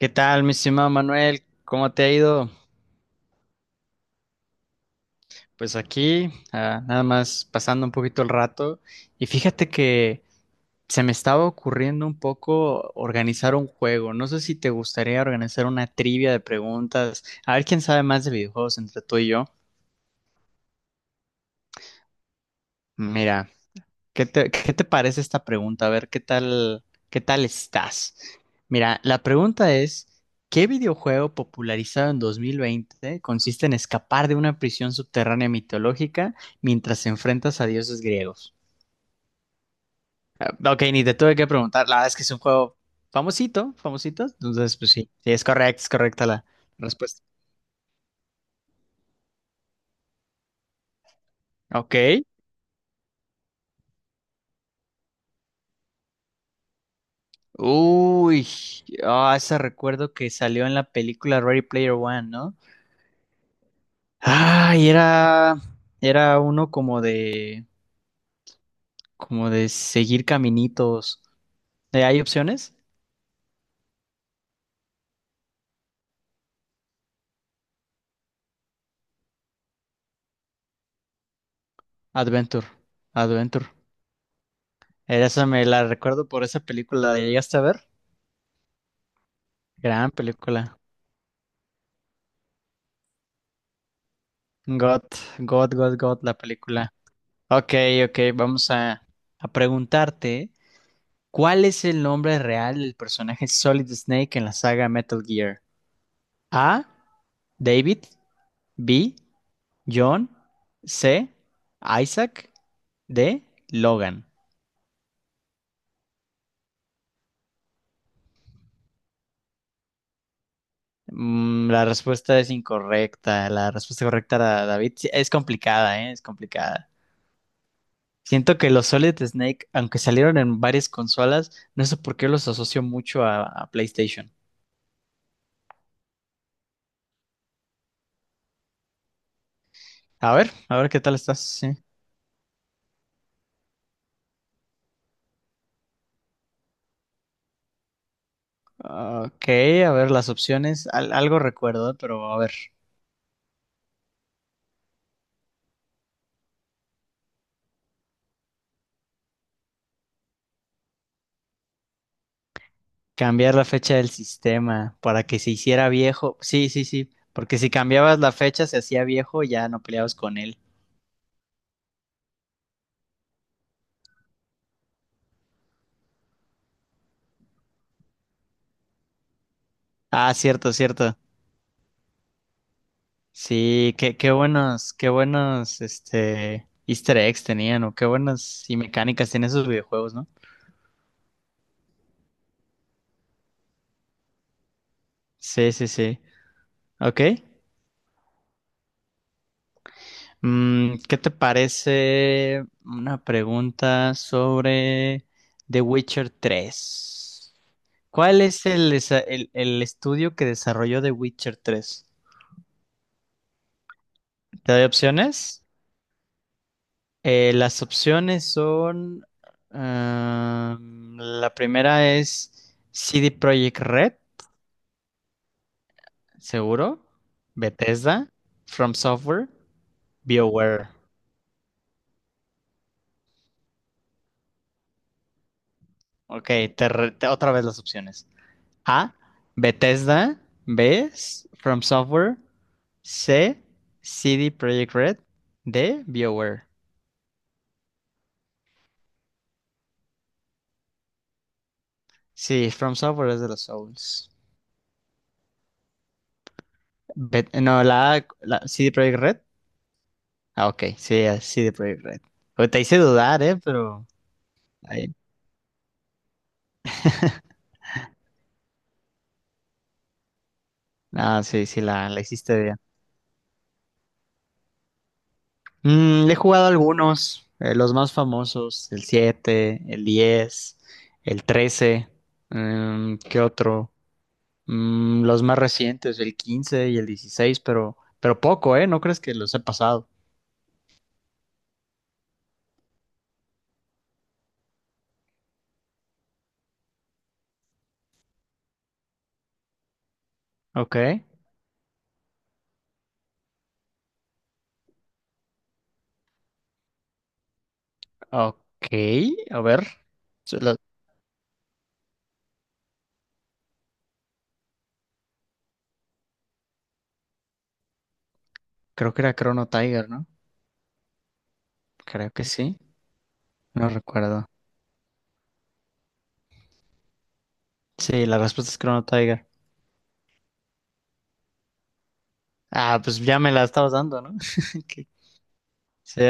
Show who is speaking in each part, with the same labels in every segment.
Speaker 1: ¿Qué tal, mi estimado Manuel? ¿Cómo te ha ido? Pues aquí, nada más pasando un poquito el rato. Y fíjate que se me estaba ocurriendo un poco organizar un juego. No sé si te gustaría organizar una trivia de preguntas. A ver quién sabe más de videojuegos entre tú y yo. Mira, ¿qué te parece esta pregunta? A ver, ¿qué tal estás? Mira, la pregunta es, ¿qué videojuego popularizado en 2020 consiste en escapar de una prisión subterránea mitológica mientras enfrentas a dioses griegos? Ah, ok, ni te tuve que preguntar, la verdad es que es un juego famosito, famosito, entonces pues sí, sí, es correcto, es correcta la respuesta. Ok. Uy, ese recuerdo que salió en la película Ready Player One, ¿no? Ay, era uno como de seguir caminitos. ¿Hay opciones? Adventure, Adventure. Era esa, me la recuerdo por esa película. ¿La llegaste a ver? Gran película. God, God, la película. Ok, ok, vamos a preguntarte, ¿cuál es el nombre real del personaje Solid Snake en la saga Metal Gear? A, David; B, John; C, Isaac; D, Logan. Mm, la respuesta es incorrecta. La respuesta correcta era David. Sí, es complicada, ¿eh? Es complicada. Siento que los Solid Snake, aunque salieron en varias consolas, no sé por qué los asocio mucho a PlayStation. A ver qué tal estás. Sí. Ok, a ver las opciones. Algo recuerdo, pero a ver. Cambiar la fecha del sistema para que se hiciera viejo. Sí, sí, sí. Porque si cambiabas la fecha, se hacía viejo, ya no peleabas con él. Ah, cierto, cierto. Sí, qué buenos Easter eggs tenían, o qué buenas y mecánicas tienen esos videojuegos, ¿no? Sí, sí, sí. Ok. Mm, ¿qué te parece una pregunta sobre The Witcher tres? ¿Cuál es el estudio que desarrolló The Witcher tres? ¿Te doy opciones? Las opciones son... la primera es CD Projekt Red, seguro. Bethesda, From Software, BioWare. Ok, otra vez las opciones. A, Bethesda; B, From Software; C, CD Projekt Red; D, BioWare. Sí, From Software es de los Souls. No, la A, la CD Projekt Red. Ah, ok, sí, así, de Project Red. Oye, te hice dudar, ¿eh? Pero... ahí. No, sí, sí, la hiciste bien. Mm, he jugado algunos, los más famosos, el 7, el 10, el 13, mm, ¿qué otro? Mm, los más recientes, el 15 y el 16, pero poco, ¿eh? ¿No crees que los he pasado? Ok, ok, a ver. Se lo- Creo que era Chrono Tiger, ¿no? Creo que sí, no recuerdo. Sí, la respuesta es Chrono Tiger. Ah, pues ya me la estabas dando, ¿no? Que- Sí,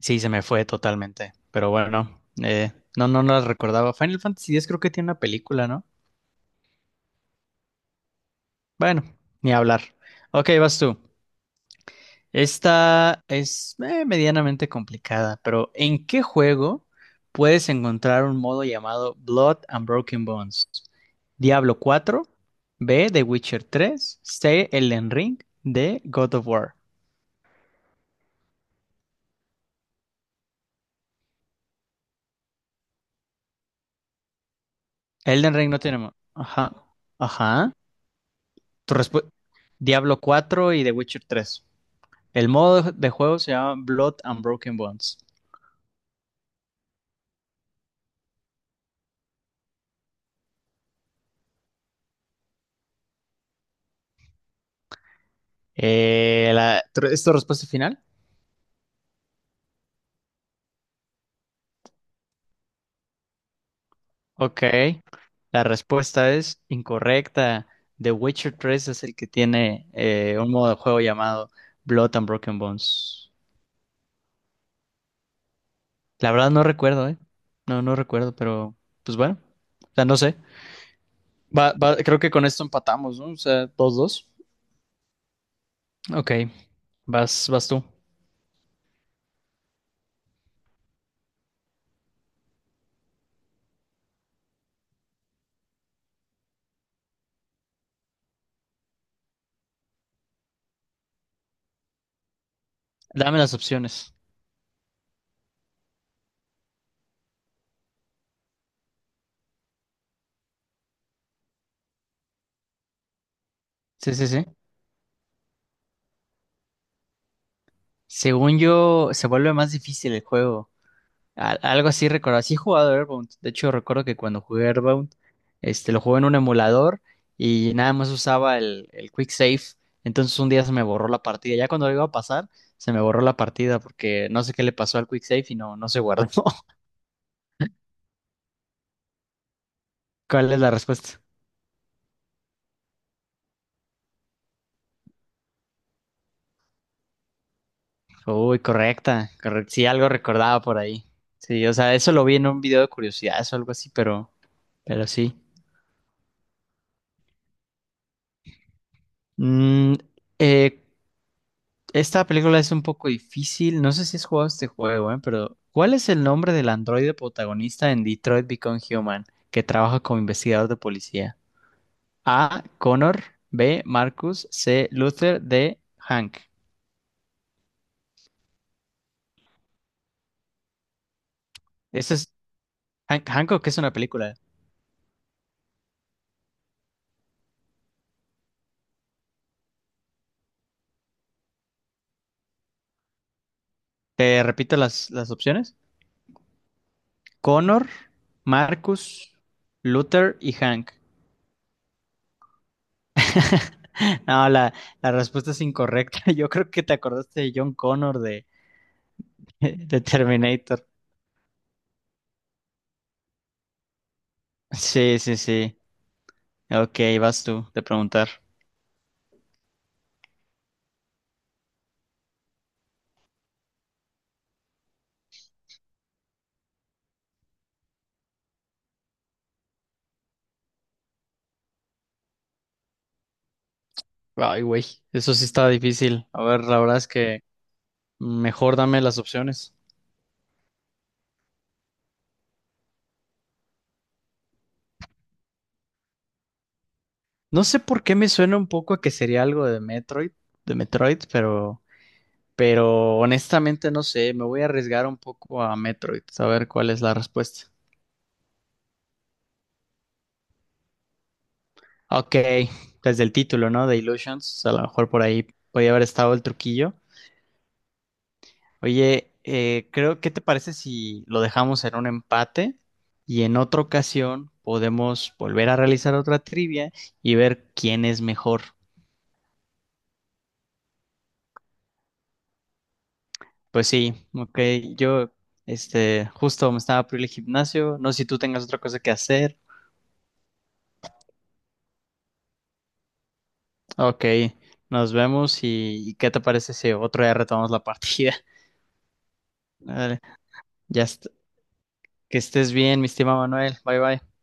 Speaker 1: sí, se me fue totalmente. Pero bueno, no, no, no las recordaba. Final Fantasy X creo que tiene una película, ¿no? Bueno, ni hablar. Ok, vas tú. Esta es medianamente complicada, pero ¿en qué juego puedes encontrar un modo llamado Blood and Broken Bones? Diablo cuatro; B, The Witcher tres; C, Elden Ring; D, God of War. Elden Ring no tiene... Ajá. Ajá. Tu respu- Diablo cuatro y The Witcher tres. El modo de juego se llama Blood and Broken Bones. ¿Es tu respuesta final? Ok. La respuesta es incorrecta. The Witcher tres es el que tiene un modo de juego llamado Blood and Broken Bones. La verdad no recuerdo, ¿eh? No, no recuerdo, pero pues bueno. O sea, no sé. Creo que con esto empatamos, ¿no? O sea, dos dos. Ok. Vas tú. Dame las opciones. Sí, sí, sí. Según yo, se vuelve más difícil el juego. Algo así recuerdo. Sí he jugado Airbound. De hecho, recuerdo que cuando jugué Airbound, este, lo jugué en un emulador y nada más usaba el Quick Save. Entonces un día se me borró la partida. Ya cuando lo iba a pasar, se me borró la partida porque no sé qué le pasó al Quick Save y no, no se guardó. ¿Cuál es la respuesta? Uy, correcta. Correcto. Sí, algo recordaba por ahí. Sí, o sea, eso lo vi en un video de curiosidades o algo así, pero sí. Mm, eh, Esta película es un poco difícil. No sé si has jugado este juego, ¿eh? Pero ¿cuál es el nombre del androide protagonista en Detroit Become Human que trabaja como investigador de policía? A, Connor; B, Marcus; C, Luther; D, Hank. Este es Hank, Hancock, que es una película. Te repito las opciones. Connor, Marcus, Luther y Hank. No, la respuesta es incorrecta. Yo creo que te acordaste de John Connor de Terminator. Sí, sí, sí. Ok, vas tú de preguntar. Ay, güey, eso sí está difícil. A ver, la verdad es que mejor dame las opciones. No sé por qué me suena un poco a que sería algo de Metroid, pero honestamente no sé, me voy a arriesgar un poco a Metroid, a ver cuál es la respuesta. Ok, desde el título, ¿no? De Illusions, a lo mejor por ahí podía haber estado el truquillo. Oye, creo, ¿qué te parece si lo dejamos en un empate y en otra ocasión podemos volver a realizar otra trivia y ver quién es mejor? Pues sí, ok, yo, justo me estaba por ir al gimnasio, no sé si tú tengas otra cosa que hacer. Ok, nos vemos y ¿qué te parece si otro día retomamos la partida? Vale, ya, est- que estés bien, mi estimado Manuel, bye bye.